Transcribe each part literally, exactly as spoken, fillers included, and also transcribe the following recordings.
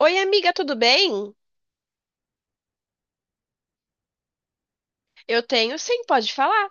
Oi, amiga, tudo bem? Eu tenho sim, pode falar.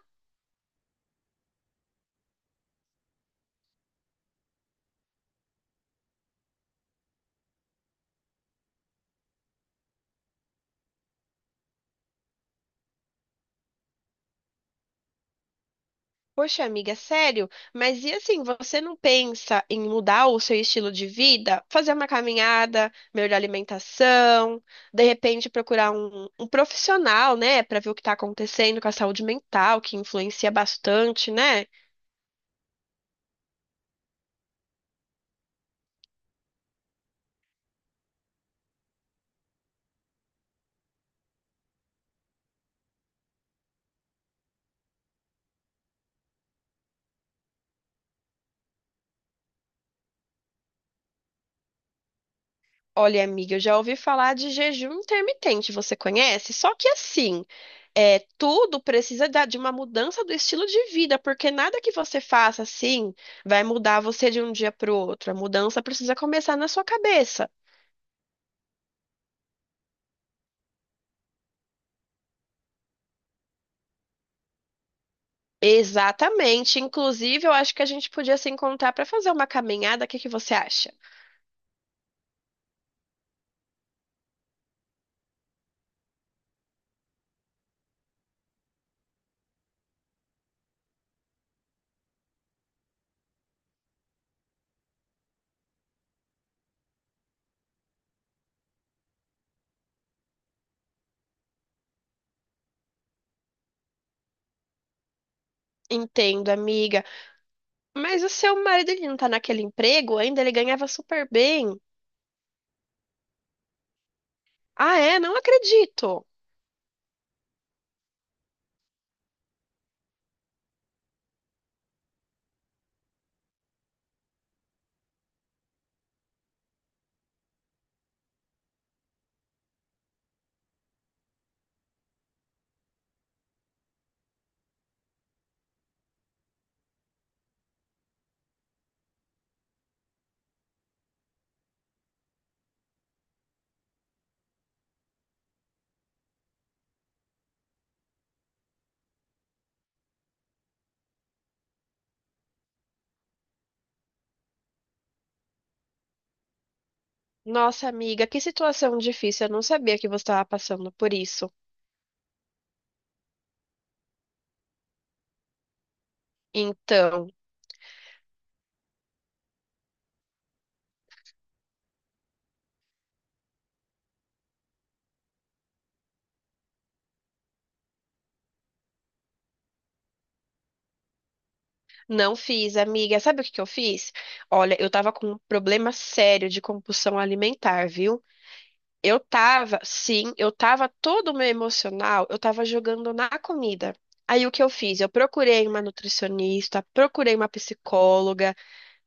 Poxa, amiga, sério? Mas e assim, você não pensa em mudar o seu estilo de vida? Fazer uma caminhada, melhorar a alimentação, de repente procurar um, um profissional, né, para ver o que está acontecendo com a saúde mental, que influencia bastante, né? Olha, amiga, eu já ouvi falar de jejum intermitente, você conhece? Só que assim, é, tudo precisa da- de uma mudança do estilo de vida, porque nada que você faça assim vai mudar você de um dia para o outro. A mudança precisa começar na sua cabeça. Exatamente. Inclusive, eu acho que a gente podia se encontrar para fazer uma caminhada. O que que você acha? Entendo, amiga. Mas o seu marido ele não tá naquele emprego ainda? Ele ganhava super bem. Ah, é? Não acredito. Nossa, amiga, que situação difícil. Eu não sabia que você estava passando por isso. Então. Não fiz, amiga. Sabe o que que eu fiz? Olha, eu tava com um problema sério de compulsão alimentar, viu? Eu tava, sim, eu tava todo o meu emocional, eu tava jogando na comida. Aí o que eu fiz? Eu procurei uma nutricionista, procurei uma psicóloga,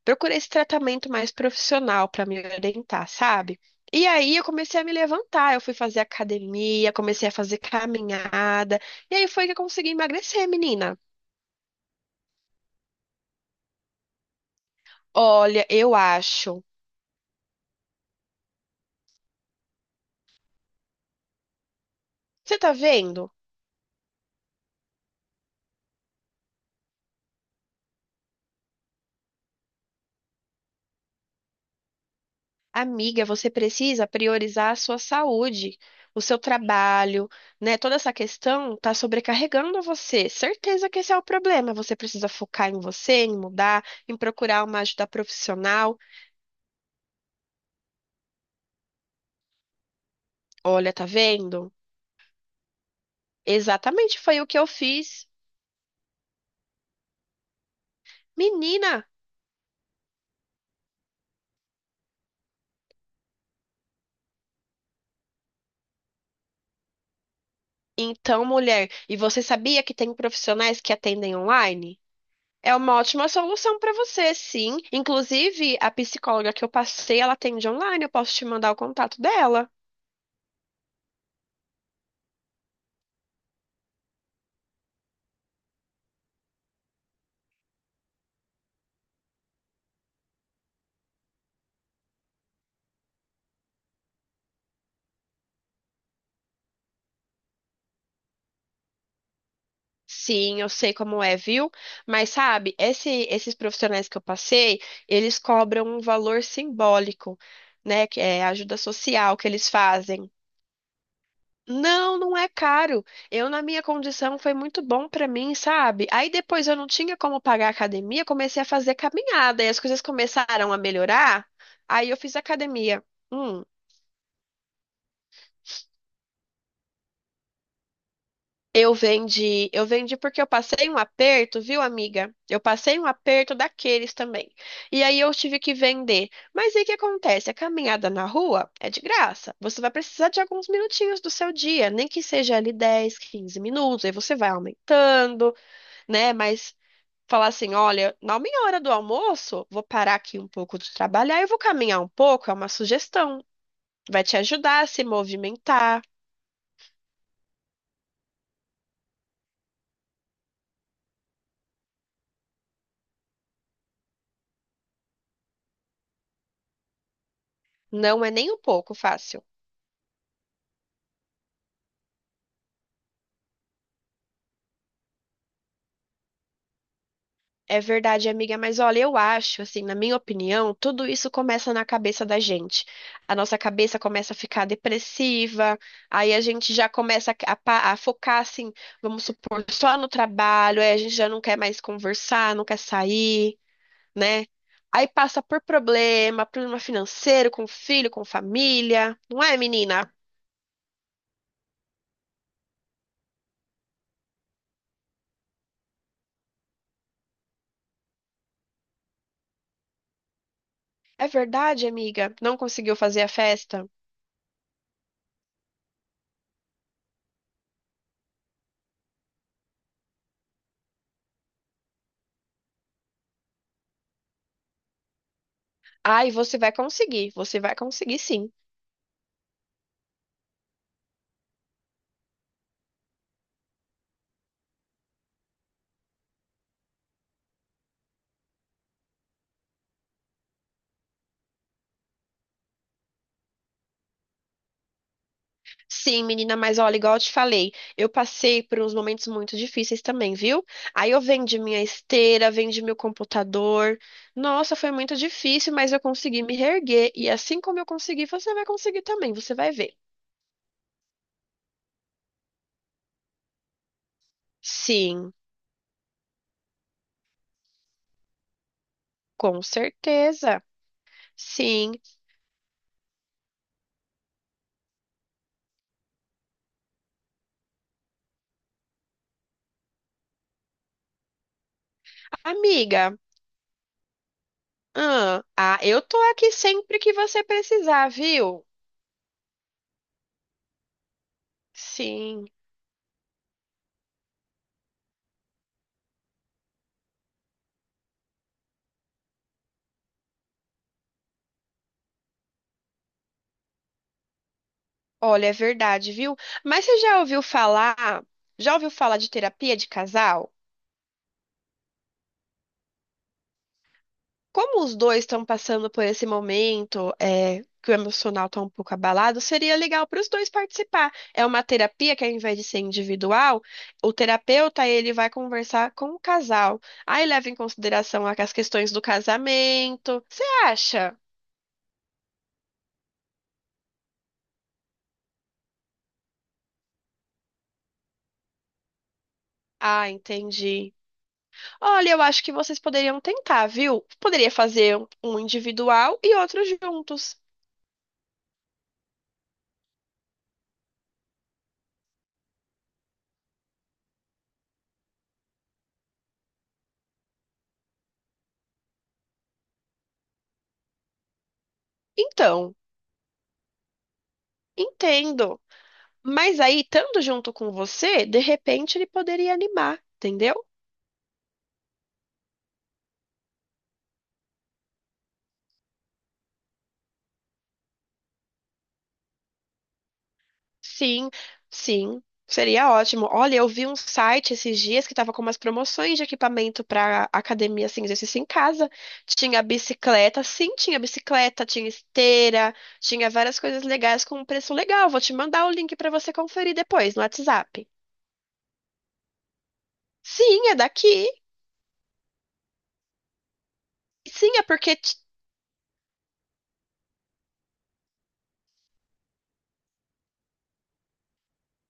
procurei esse tratamento mais profissional pra me orientar, sabe? E aí eu comecei a me levantar, eu fui fazer academia, comecei a fazer caminhada, e aí foi que eu consegui emagrecer, menina. Olha, eu acho. Você tá vendo? Amiga, você precisa priorizar a sua saúde, o seu trabalho, né? Toda essa questão tá sobrecarregando você. Certeza que esse é o problema. Você precisa focar em você, em mudar, em procurar uma ajuda profissional. Olha, tá vendo? Exatamente foi o que eu fiz. Menina, então mulher, e você sabia que tem profissionais que atendem online? É uma ótima solução para você, sim. Inclusive, a psicóloga que eu passei, ela atende online. Eu posso te mandar o contato dela. Sim, eu sei como é, viu? Mas sabe, esse- esses profissionais que eu passei, eles cobram um valor simbólico, né? Que é a ajuda social que eles fazem. Não, não é caro. Eu, na minha condição, foi muito bom pra mim, sabe? Aí depois eu não tinha como pagar a academia, comecei a fazer caminhada e as coisas começaram a melhorar. Aí eu fiz academia. Hum. Eu vendi, eu vendi porque eu passei um aperto, viu, amiga? Eu passei um aperto daqueles também. E aí eu tive que vender. Mas aí o que acontece? A caminhada na rua é de graça. Você vai precisar de alguns minutinhos do seu dia, nem que seja ali dez, quinze minutos. Aí você vai aumentando, né? Mas falar assim, olha, na minha hora do almoço, vou parar aqui um pouco de trabalhar e vou caminhar um pouco, é uma sugestão. Vai te ajudar a se movimentar. Não é nem um pouco fácil. É verdade, amiga, mas olha, eu acho, assim, na minha opinião, tudo isso começa na cabeça da gente. A nossa cabeça começa a ficar depressiva, aí a gente já começa a, a pa- a focar, assim, vamos supor, só no trabalho, aí a gente já não quer mais conversar, não quer sair, né? Aí passa por problema, problema financeiro, com filho, com família, não é, menina? É verdade, amiga, não conseguiu fazer a festa? Ai, você vai conseguir, você vai conseguir sim. Sim, menina, mas olha, igual eu te falei, eu passei por uns momentos muito difíceis também, viu? Aí eu vendi minha esteira, vendi meu computador. Nossa, foi muito difícil, mas eu consegui me reerguer. E assim como eu consegui, você vai conseguir também, você vai ver. Sim, com certeza. Sim, amiga. Ah, ah, eu tô aqui sempre que você precisar, viu? Sim, olha, é verdade, viu? Mas você já ouviu falar, já ouviu falar de terapia de casal? Como os dois estão passando por esse momento, é, que o emocional está um pouco abalado, seria legal para os dois participar. É uma terapia que, ao invés de ser individual, o terapeuta ele vai conversar com o casal. Aí leva em consideração a- as questões do casamento. Você acha? Ah, entendi. Olha, eu acho que vocês poderiam tentar, viu? Poderia fazer um um individual e outro juntos. Então, entendo. Mas aí, estando junto com você, de repente ele poderia animar, entendeu? Sim, sim, seria ótimo. Olha, eu vi um site esses dias que estava com umas promoções de equipamento para academia, assim, exercício em casa. Tinha bicicleta, sim, tinha bicicleta, tinha esteira, tinha várias coisas legais com um preço legal. Vou te mandar o link para você conferir depois no WhatsApp. Sim, é daqui. Sim, é porque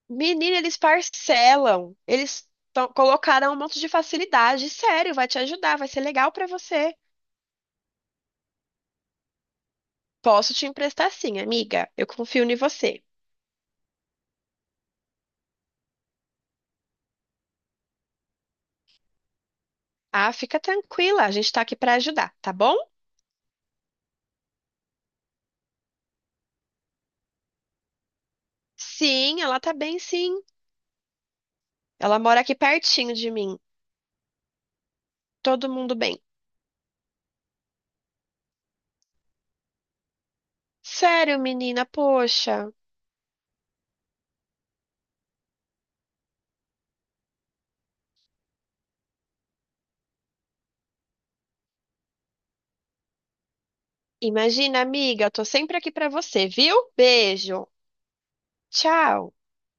menina, eles parcelam. Eles to- colocaram um monte de facilidade. Sério, vai te ajudar, vai ser legal pra você. Posso te emprestar sim, amiga. Eu confio em você. Ah, fica tranquila, a gente tá aqui pra ajudar, tá bom? Sim, ela tá bem, sim. Ela mora aqui pertinho de mim. Todo mundo bem. Sério, menina, poxa. Imagina, amiga, eu tô sempre aqui pra você, viu? Beijo. Tchau.